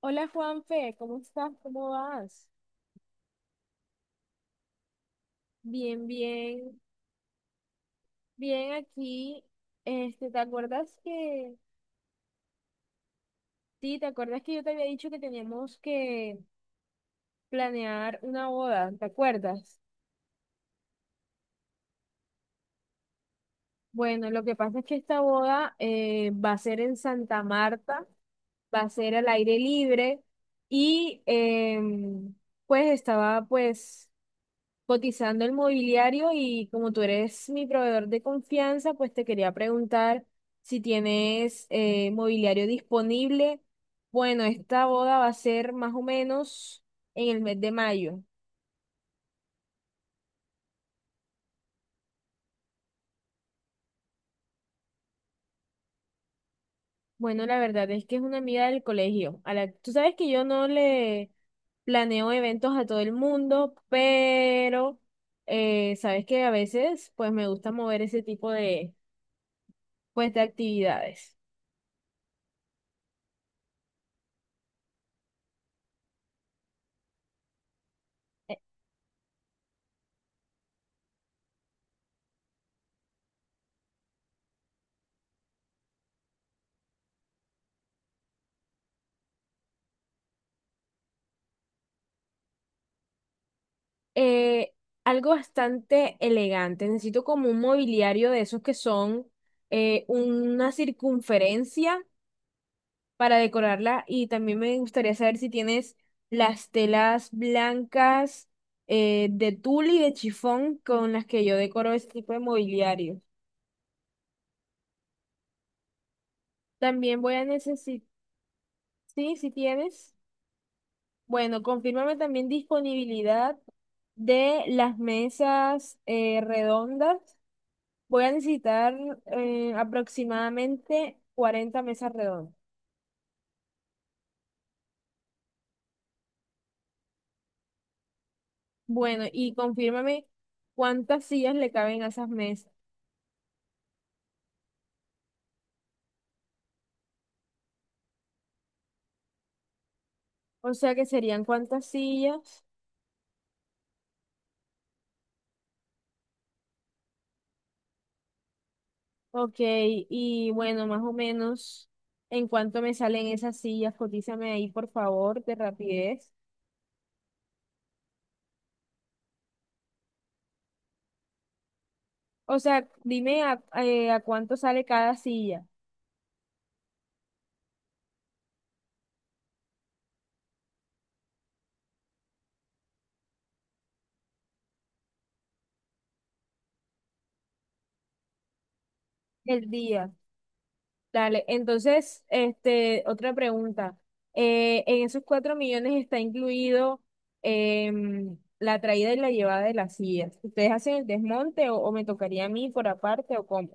Hola Juanfe, ¿cómo estás? ¿Cómo vas? Bien, bien aquí. Este, ¿te acuerdas que, sí, te acuerdas que yo te había dicho que teníamos que planear una boda, ¿te acuerdas? Bueno, lo que pasa es que esta boda va a ser en Santa Marta, va a ser al aire libre y em, pues estaba pues cotizando el mobiliario, y como tú eres mi proveedor de confianza, pues te quería preguntar si tienes mobiliario disponible. Bueno, esta boda va a ser más o menos en el mes de mayo. Bueno, la verdad es que es una amiga del colegio. Tú sabes que yo no le planeo eventos a todo el mundo, pero sabes que a veces pues me gusta mover ese tipo de, pues, de actividades. eh, Algo bastante elegante. Necesito como un mobiliario de esos que son una circunferencia para decorarla, y también me gustaría saber si tienes las telas blancas de tul y de chifón con las que yo decoro este tipo de mobiliario. También voy a necesitar, sí, si tienes. Bueno, confírmame también disponibilidad de las mesas redondas. Voy a necesitar aproximadamente 40 mesas redondas. Bueno, y confírmame cuántas sillas le caben a esas mesas. O sea, que serían cuántas sillas. Ok, y bueno, más o menos en cuánto me salen esas sillas. Cotízame ahí, por favor, de rapidez. O sea, dime a cuánto sale cada silla el día. Dale, entonces, este, otra pregunta. ¿En esos 4 millones está incluido la traída y la llevada de las sillas? ¿Ustedes hacen el desmonte o me tocaría a mí por aparte o cómo?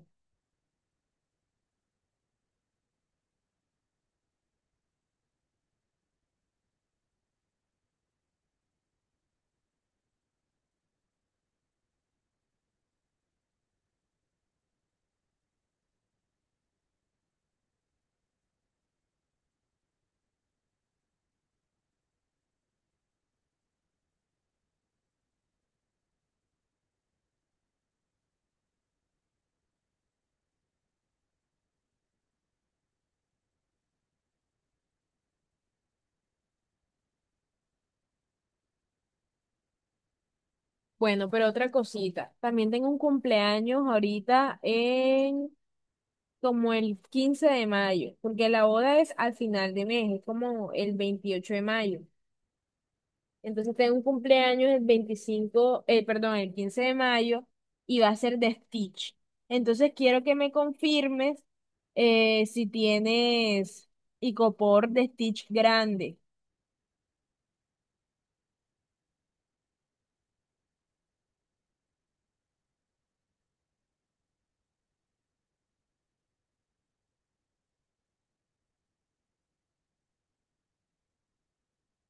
Bueno, pero otra cosita. También tengo un cumpleaños ahorita en como el 15 de mayo, porque la boda es al final de mes, es como el 28 de mayo. Entonces tengo un cumpleaños el 25, perdón, el 15 de mayo, y va a ser de Stitch. Entonces quiero que me confirmes si tienes icopor de Stitch grande.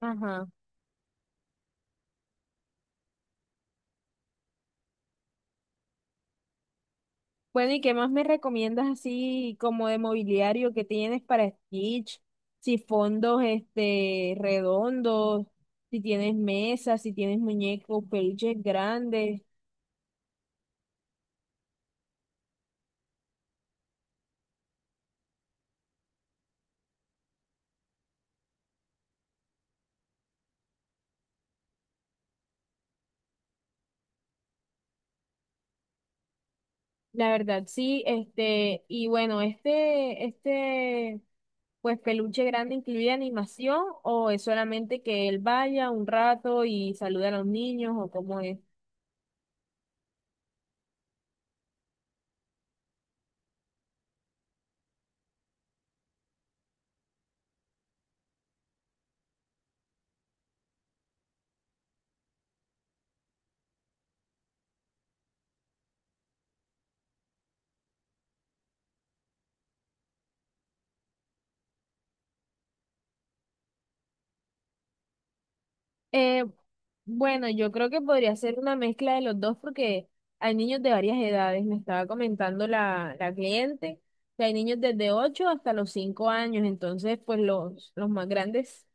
Ajá. Bueno, ¿y qué más me recomiendas así como de mobiliario que tienes para Stitch? Si fondos este redondos, si tienes mesas, si tienes muñecos, peluches grandes. La verdad, sí, este, y bueno, este, pues peluche grande incluye animación, o es solamente que él vaya un rato y salude a los niños, o cómo es. Eh, bueno, yo creo que podría ser una mezcla de los dos, porque hay niños de varias edades, me estaba comentando la cliente, que hay niños desde 8 hasta los 5 años, entonces pues los más grandes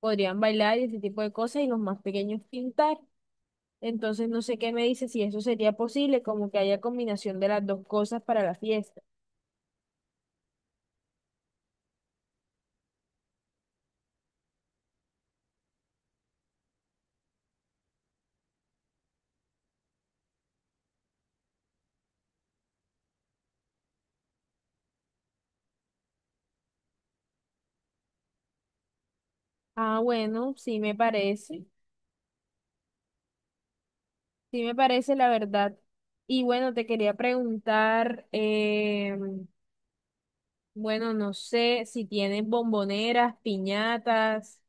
podrían bailar y ese tipo de cosas, y los más pequeños pintar. Entonces no sé qué me dice si eso sería posible, como que haya combinación de las dos cosas para la fiesta. Ah, bueno, sí me parece la verdad. Y bueno, te quería preguntar, bueno, no sé si tienen bomboneras, piñatas,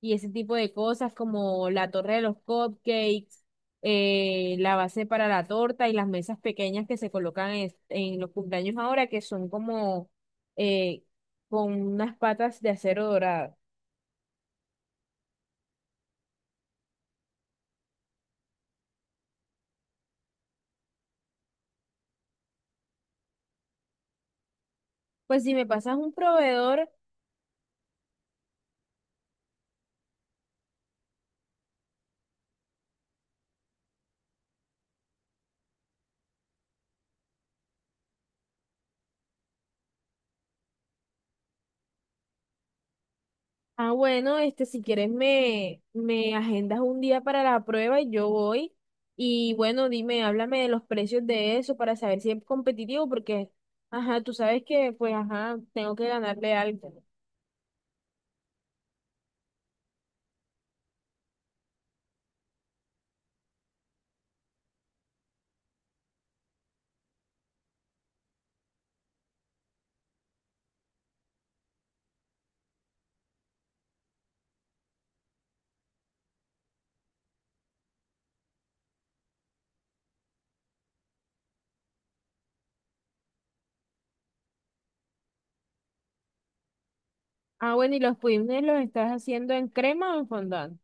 y ese tipo de cosas como la torre de los cupcakes, la base para la torta y las mesas pequeñas que se colocan en los cumpleaños ahora, que son como eh, con unas patas de acero dorado. Pues si me pasas un proveedor, ah, bueno, este, si quieres me agendas un día para la prueba y yo voy. Y bueno, dime, háblame de los precios de eso para saber si es competitivo, porque, ajá, tú sabes que, pues, ajá, tengo que ganarle algo. Ah, bueno, ¿y los pudines los estás haciendo en crema o en fondant?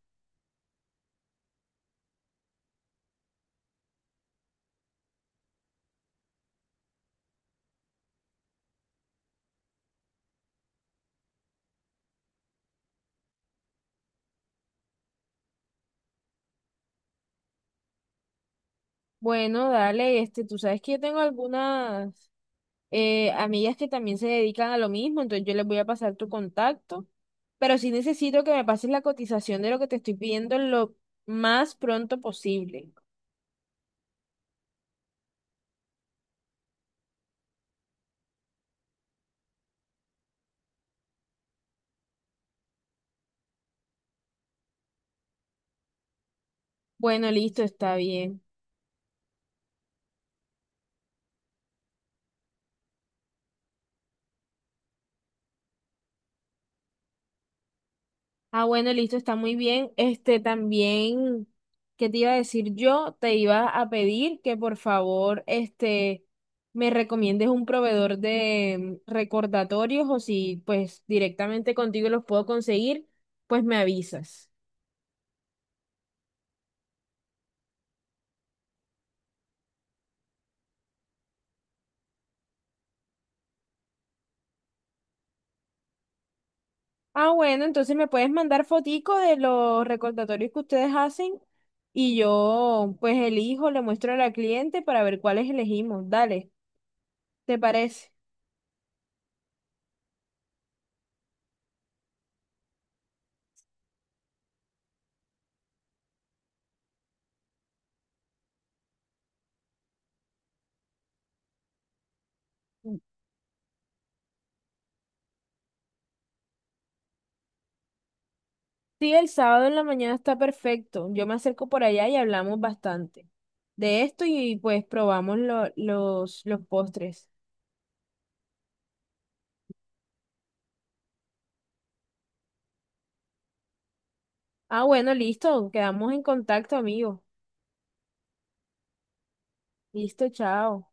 Bueno, dale, este, tú sabes que yo tengo algunas amigas que también se dedican a lo mismo, entonces yo les voy a pasar tu contacto, pero sí necesito que me pases la cotización de lo que te estoy pidiendo lo más pronto posible. Bueno, listo, está bien. Ah, bueno, listo, está muy bien. Este también, ¿qué te iba a decir yo? Te iba a pedir que por favor, este, me recomiendes un proveedor de recordatorios, o si pues directamente contigo los puedo conseguir, pues me avisas. Ah, bueno, entonces me puedes mandar fotico de los recordatorios que ustedes hacen y yo pues elijo, le muestro a la cliente para ver cuáles elegimos. Dale, ¿te parece? Sí, el sábado en la mañana está perfecto. Yo me acerco por allá y hablamos bastante de esto y pues probamos los postres. Ah, bueno, listo. Quedamos en contacto, amigo. Listo, chao.